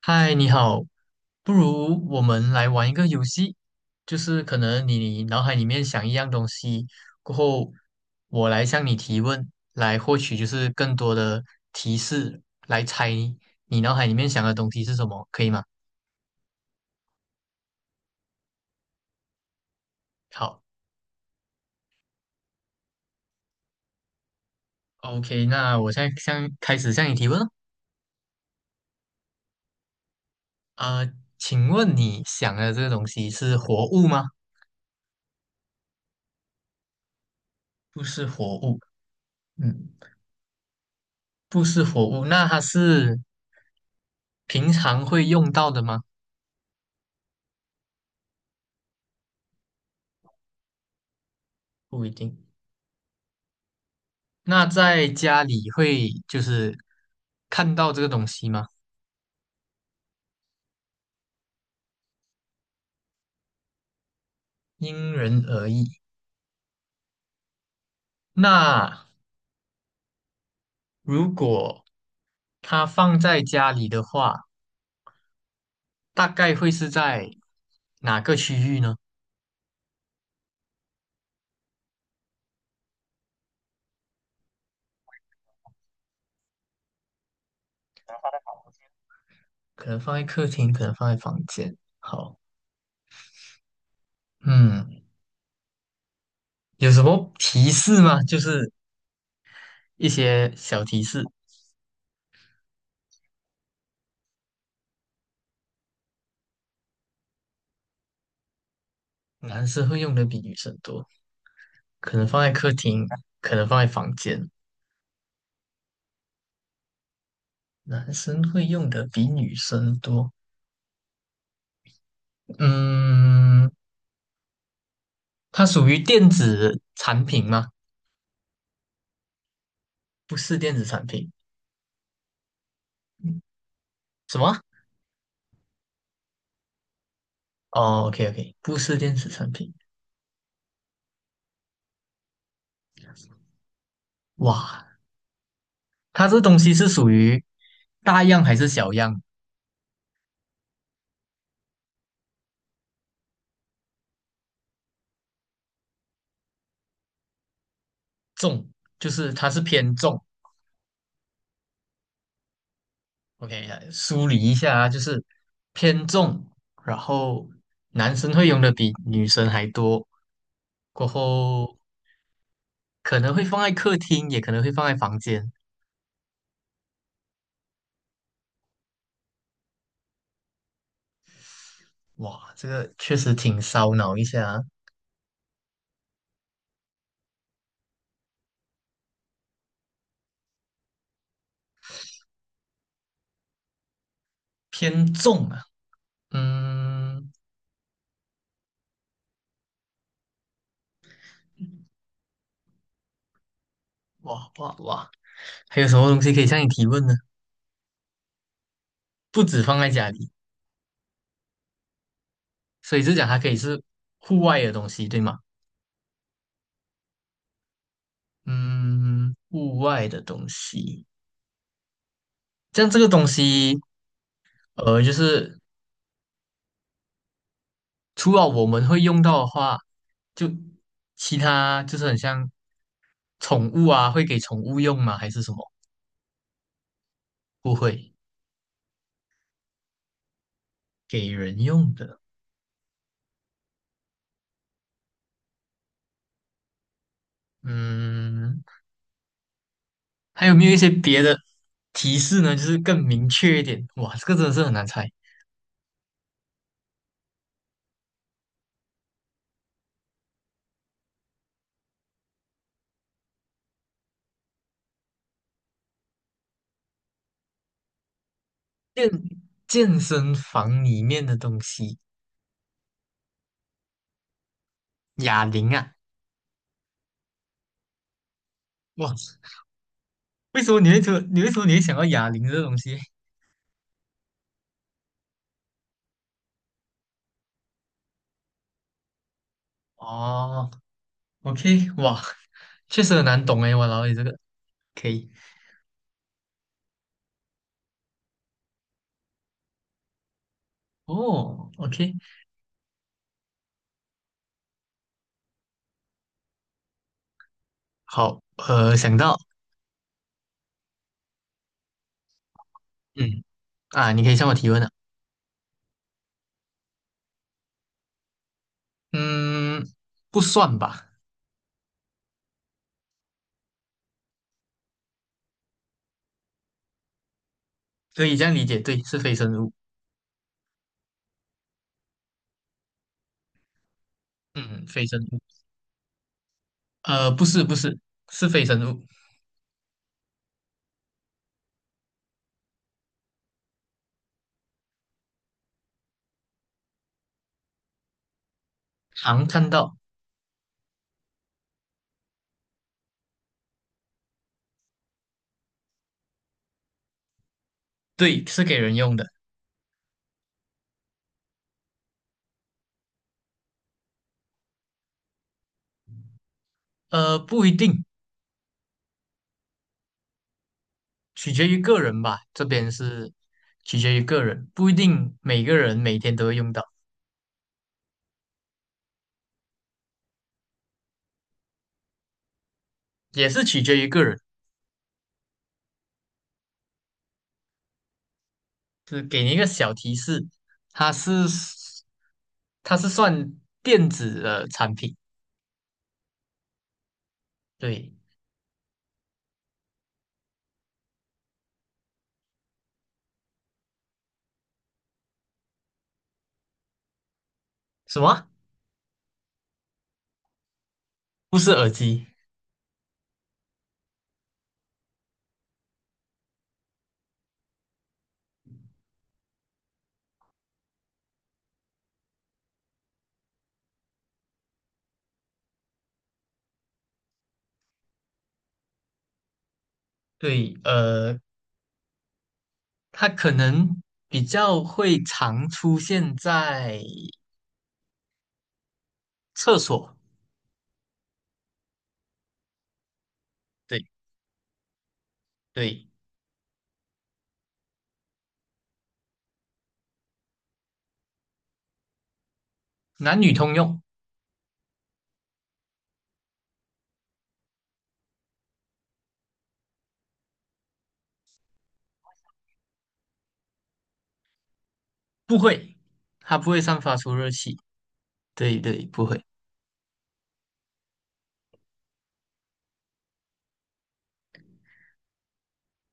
嗨，你好，不如我们来玩一个游戏，就是可能你脑海里面想一样东西，过后我来向你提问，来获取就是更多的提示，来猜你脑海里面想的东西是什么，可以吗？好，OK，那我现在向开始向你提问了。呃，请问你想的这个东西是活物吗？不是活物，嗯，不是活物，那它是平常会用到的吗？不一定。那在家里会就是看到这个东西吗？因人而异。那如果它放在家里的话，大概会是在哪个区域呢？可能放在客厅，可能放在房间。好，嗯，有什么提示吗？就是一些小提示，男生会用的比女生多，可能放在客厅，可能放在房间。男生会用的比女生多，嗯，它属于电子产品吗？不是电子产品，什么？哦，OK OK，不是电子产品。哇，它这东西是属于大样还是小样？重，就是它是偏重。OK，来梳理一下啊，就是偏重，然后男生会用的比女生还多，过后可能会放在客厅，也可能会放在房间。哇，这个确实挺烧脑一下啊偏重啊。嗯，哇哇哇！还有什么东西可以向你提问呢？不止放在家里，所以就讲它可以是户外的东西，对吗？嗯，户外的东西，像这个东西，就是除了我们会用到的话，就其他就是很像宠物啊，会给宠物用吗？还是什么？不会，给人用的。嗯，还有没有一些别的提示呢？就是更明确一点。哇，这个真的是很难猜。健健身房里面的东西，哑铃啊，哇，为什么你会说，你为什么你会想到哑铃这个东西？哦，OK，哇，确实很难懂哎，我老你这个可以，哦，OK，好，呃，想到，嗯，啊，你可以向我提问了，嗯，不算吧，可以这样理解，对，是非生物，嗯，非生物，不是不是，是非生物，常看到，对，是给人用的，不一定。取决于个人吧，这边是取决于个人，不一定每个人每天都会用到，也是取决于个人。是给你一个小提示，它是它是算电子的产品，对，什么？不是耳机，对，呃，它可能比较会常出现在厕所，对对，男女通用，不会，它不会散发出热气，对对，不会。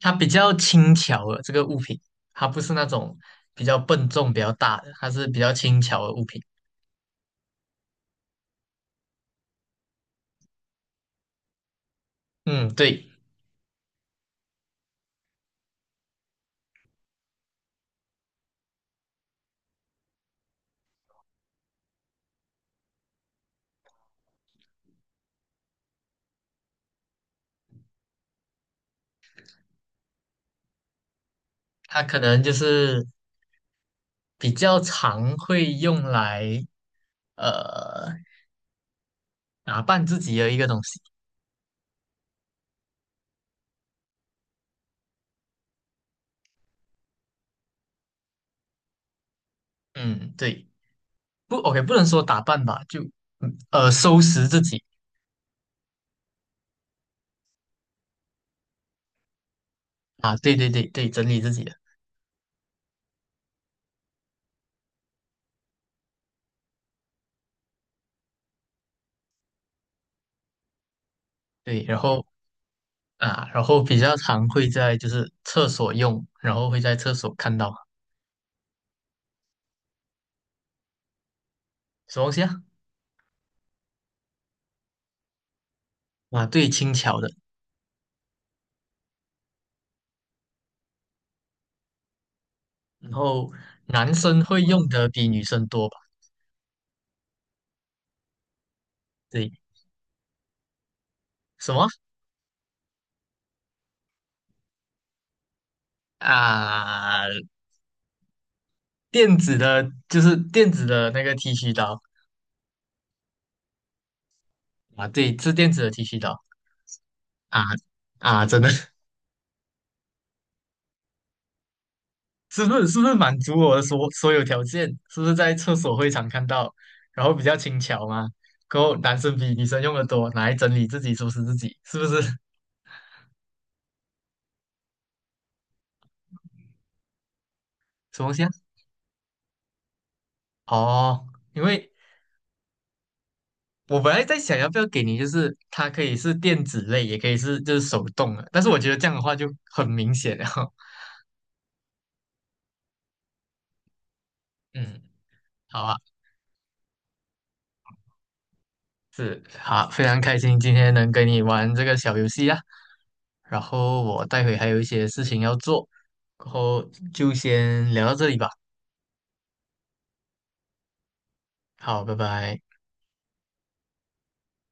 它比较轻巧的这个物品，它不是那种比较笨重、比较大的，它是比较轻巧的物品。嗯，对，它可能就是比较常会用来呃打扮自己的一个东西。嗯，对，不，OK，不能说打扮吧，就收拾自己啊，对对对对，整理自己的，对，然后啊，然后比较常会在就是厕所用，然后会在厕所看到什么东西啊？啊，对，轻巧的。然后男生会用的比女生多吧？对，什么啊？电子的，就是电子的那个剃须刀啊，对，是电子的剃须刀啊啊，真的 是不是满足我的所有条件？是不是在厕所会常看到，然后比较轻巧嘛？然后男生比女生用的多，拿来整理自己收拾自己，是不是 什么东西啊？哦，因为我本来在想要不要给你，就是它可以是电子类，也可以是就是手动的，但是我觉得这样的话就很明显了。嗯，好啊，是好，非常开心今天能跟你玩这个小游戏啊。然后我待会还有一些事情要做，然后就先聊到这里吧。好，拜拜。